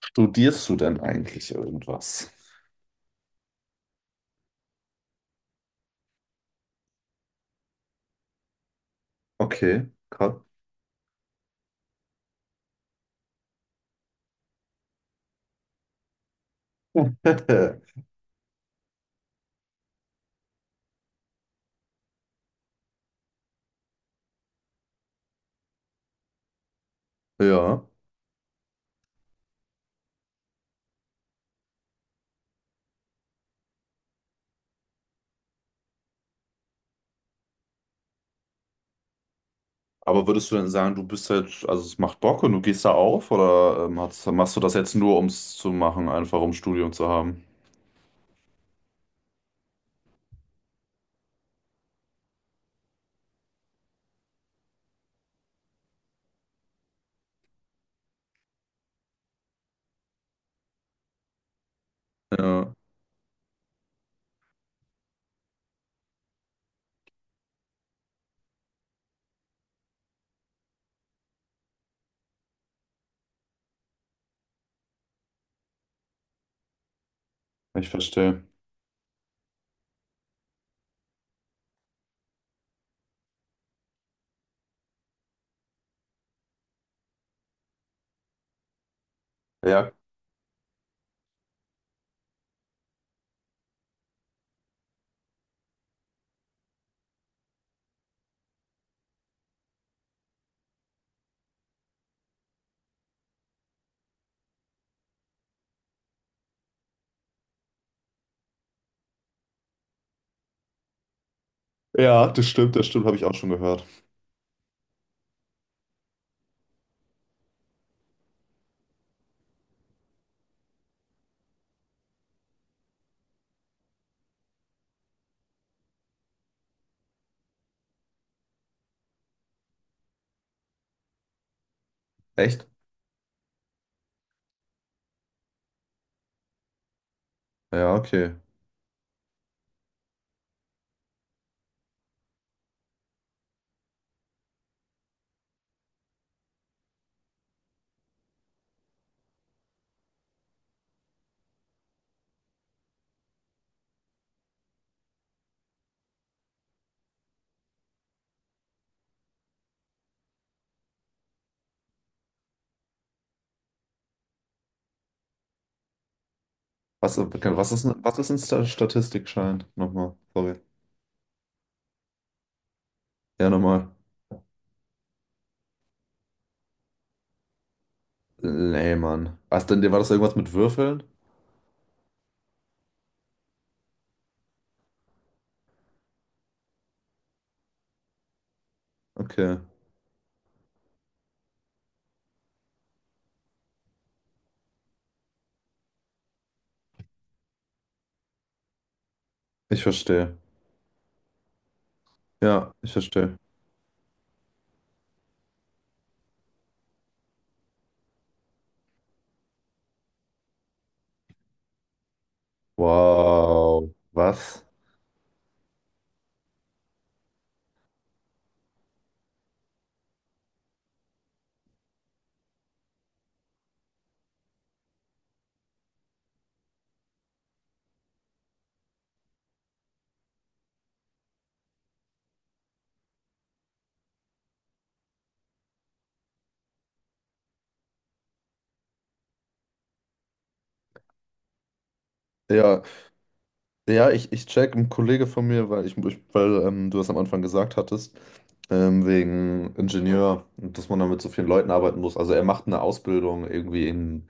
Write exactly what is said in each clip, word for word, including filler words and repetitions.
Studierst du denn eigentlich irgendwas? Okay, krass. Ja, aber würdest du denn sagen, du bist halt, also es macht Bock und du gehst da auf oder ähm, hast, machst du das jetzt nur, um es zu machen, einfach um Studium zu haben? Ja, ich verstehe. Ja. Ja, das stimmt, das stimmt, habe ich auch schon gehört. Echt? Ja, okay. Was, okay, was ist, was ist ein Sta- Statistikschein? Nochmal, sorry. Ja, nochmal. Nee, Mann. Was denn, war das irgendwas mit Würfeln? Okay, ich verstehe. Ja, ich verstehe. Wow, was? Ja, ja, ich, ich check, ein Kollege von mir, weil ich, ich weil ähm, du das am Anfang gesagt hattest, ähm, wegen Ingenieur, und dass man dann mit so vielen Leuten arbeiten muss. Also er macht eine Ausbildung irgendwie in,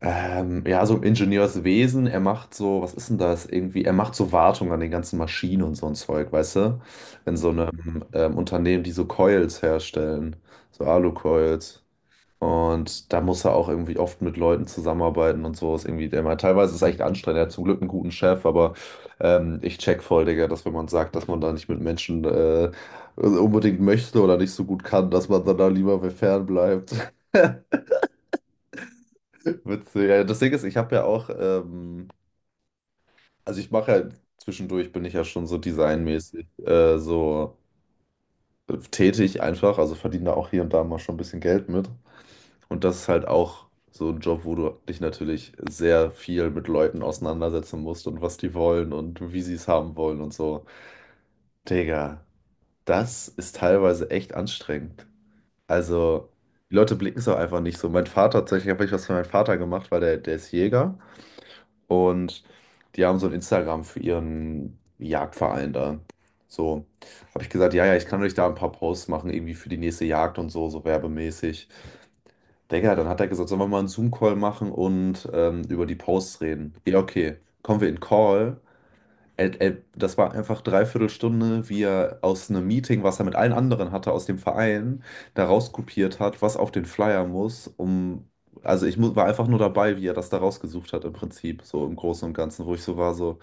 ähm, ja, so im Ingenieurswesen, er macht so, was ist denn das? Irgendwie, er macht so Wartung an den ganzen Maschinen und so ein Zeug, weißt du? In so einem ähm, Unternehmen, die so Coils herstellen, so Alucoils. Und da muss er auch irgendwie oft mit Leuten zusammenarbeiten und so. Ist irgendwie, der meint, teilweise ist es echt anstrengend. Er hat zum Glück einen guten Chef, aber ähm, ich check voll, Digga, dass wenn man sagt, dass man da nicht mit Menschen äh, unbedingt möchte oder nicht so gut kann, dass man dann da lieber fernbleibt. Witzig. Ja, das Ding ist, ich habe ja auch, ähm, also ich mache ja zwischendurch, bin ich ja schon so designmäßig äh, so äh, tätig einfach, also verdiene da auch hier und da mal schon ein bisschen Geld mit. Und das ist halt auch so ein Job, wo du dich natürlich sehr viel mit Leuten auseinandersetzen musst und was die wollen und wie sie es haben wollen und so. Digga, das ist teilweise echt anstrengend. Also, die Leute blicken es auch einfach nicht so. Mein Vater, tatsächlich habe ich was für meinen Vater gemacht, weil der, der ist Jäger und die haben so ein Instagram für ihren Jagdverein da. So, habe ich gesagt, ja, ja, ich kann euch da ein paar Posts machen, irgendwie für die nächste Jagd und so, so werbemäßig. Digga, dann hat er gesagt, sollen wir mal einen Zoom-Call machen und ähm, über die Posts reden. Ja, okay. Kommen wir in Call. Ä- ä- das war einfach dreiviertel Stunde, wie er aus einem Meeting, was er mit allen anderen hatte, aus dem Verein, da rauskopiert hat, was auf den Flyer muss, um. Also ich mu- war einfach nur dabei, wie er das da rausgesucht hat im Prinzip, so im Großen und Ganzen, wo ich so war, so.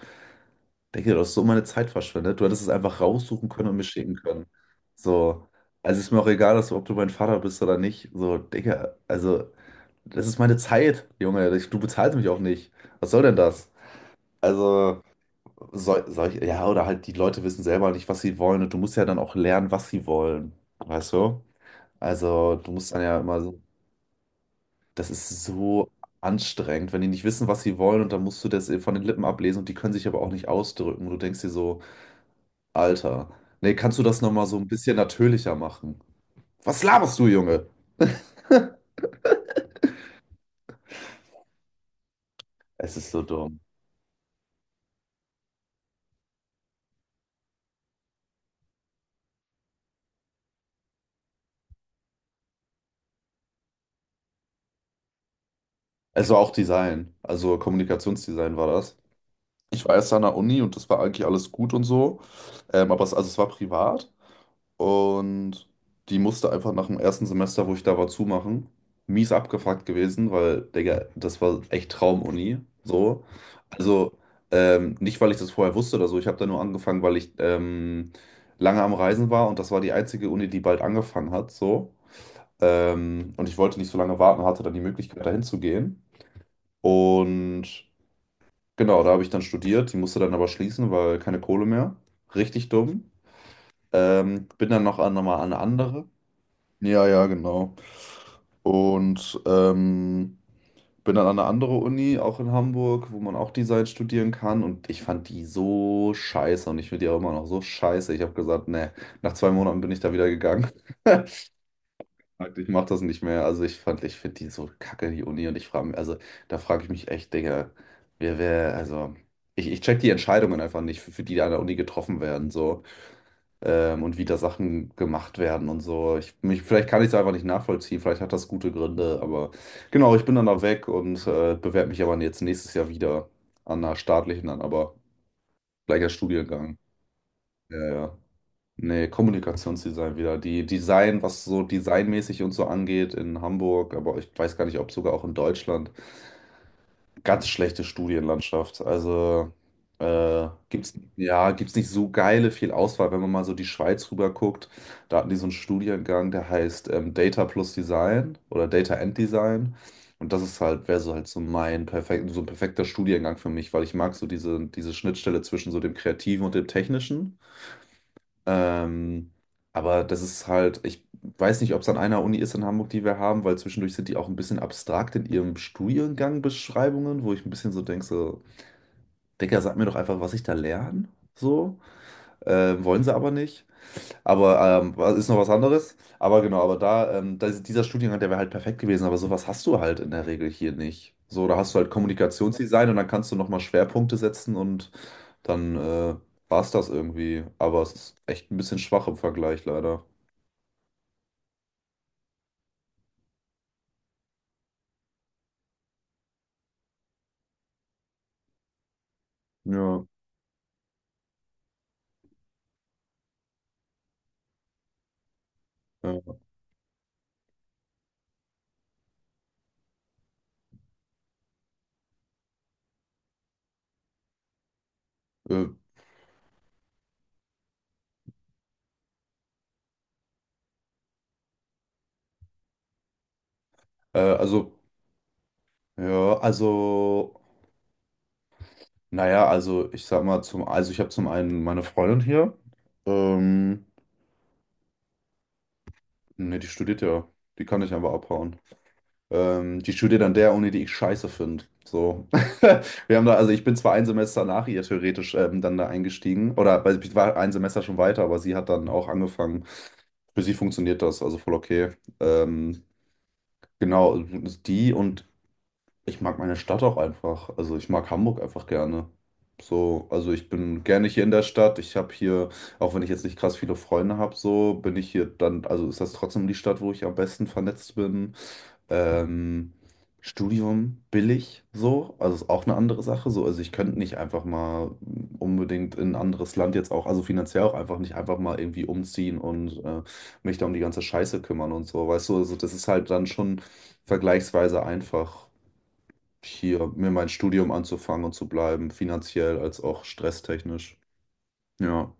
Denke, du hast so meine Zeit verschwendet. Du hättest es einfach raussuchen können und mir schicken können. So, also ist mir auch egal, dass du, ob du mein Vater bist oder nicht. So, Digga, also, das ist meine Zeit, Junge. Ich- Du bezahlst mich auch nicht. Was soll denn das? Also, soll, soll ich, ja, oder halt die Leute wissen selber nicht, was sie wollen und du musst ja dann auch lernen, was sie wollen. Weißt du? Also, du musst dann ja immer so, das ist so anstrengend, wenn die nicht wissen, was sie wollen und dann musst du das von den Lippen ablesen und die können sich aber auch nicht ausdrücken. Und du denkst dir so, Alter. Nee, kannst du das nochmal so ein bisschen natürlicher machen? Was laberst du, Junge? Es ist so dumm. Es war auch Design. Also Kommunikationsdesign war das. Ich war erst an der Uni und das war eigentlich alles gut und so. Ähm, aber es, also es war privat. Und die musste einfach nach dem ersten Semester, wo ich da war, zumachen. Mies abgefuckt gewesen, weil, Digga, das war echt Traumuni. So. Also, ähm, nicht, weil ich das vorher wusste oder so. Ich habe da nur angefangen, weil ich ähm, lange am Reisen war und das war die einzige Uni, die bald angefangen hat. So. Ähm, und ich wollte nicht so lange warten, hatte dann die Möglichkeit, dahin zu gehen. Und genau, da habe ich dann studiert. Die musste dann aber schließen, weil keine Kohle mehr. Richtig dumm. Ähm, bin dann noch an, nochmal an eine andere. Ja, ja, genau. Und ähm, bin dann an eine andere Uni, auch in Hamburg, wo man auch Design studieren kann. Und ich fand die so scheiße und ich finde die auch immer noch so scheiße. Ich habe gesagt, nee, nach zwei Monaten bin ich da wieder gegangen. Ich mache das nicht mehr. Also ich fand, ich finde die so kacke, die Uni. Und ich frage mich, also da frage ich mich echt, Digga, wer, wer, also ich, ich check die Entscheidungen einfach nicht, für, für die da an der Uni getroffen werden. So ähm, und wie da Sachen gemacht werden und so. Ich, mich, vielleicht kann ich es einfach nicht nachvollziehen, vielleicht hat das gute Gründe, aber genau, ich bin dann da weg und äh, bewerbe mich aber jetzt nächstes Jahr wieder an einer staatlichen, dann aber gleicher Studiengang. Ja, ja. Nee, Kommunikationsdesign wieder. Die Design, was so designmäßig und so angeht in Hamburg, aber ich weiß gar nicht, ob sogar auch in Deutschland ganz schlechte Studienlandschaft. Also äh, gibt's, ja, gibt's nicht so geile viel Auswahl, wenn man mal so die Schweiz rüber guckt. Da hatten die so einen Studiengang, der heißt ähm, Data plus Design oder Data and Design. Und das ist halt, wäre so halt so mein perfekt, so ein perfekter Studiengang für mich, weil ich mag so diese, diese Schnittstelle zwischen so dem Kreativen und dem Technischen. Ähm, aber das ist halt, ich weiß nicht, ob es an einer Uni ist in Hamburg, die wir haben, weil zwischendurch sind die auch ein bisschen abstrakt in ihrem Studiengang Beschreibungen, wo ich ein bisschen so denke, so, Digga, sag mir doch einfach, was ich da lerne. So, äh, wollen sie aber nicht. Aber ähm, was- ist noch was anderes. Aber genau, aber da, ähm, da ist- dieser Studiengang, der wäre halt perfekt gewesen, aber sowas hast du halt in der Regel hier nicht. So, da hast du halt Kommunikationsdesign und dann kannst du nochmal Schwerpunkte setzen und dann äh, war es das irgendwie. Aber es ist echt ein bisschen schwach im Vergleich, leider. Ja, ja. Äh, äh, also, ja, also, naja, also ich sag mal, zum, also ich habe zum einen meine Freundin hier. Ähm, ne, die studiert ja. Die kann ich einfach abhauen. Ähm, die studiert an der Uni, die ich scheiße finde. So. Wir haben da, also ich bin zwar ein Semester nach ihr theoretisch ähm, dann da eingestiegen, oder weil ich war ein Semester schon weiter, aber sie hat dann auch angefangen. Für sie funktioniert das, also voll okay. Ähm, genau, die und ich mag meine Stadt auch einfach. Also ich mag Hamburg einfach gerne. So, also ich bin gerne hier in der Stadt. Ich habe hier, auch wenn ich jetzt nicht krass viele Freunde habe, so bin ich hier dann, also ist das trotzdem die Stadt, wo ich am besten vernetzt bin. Ähm, Studium billig, so, also ist auch eine andere Sache. So, also ich könnte nicht einfach mal unbedingt in ein anderes Land jetzt auch, also finanziell auch einfach nicht einfach mal irgendwie umziehen und äh, mich da um die ganze Scheiße kümmern und so, weißt du, also das ist halt dann schon vergleichsweise einfach hier mir mein Studium anzufangen und zu bleiben, finanziell als auch stresstechnisch. Ja.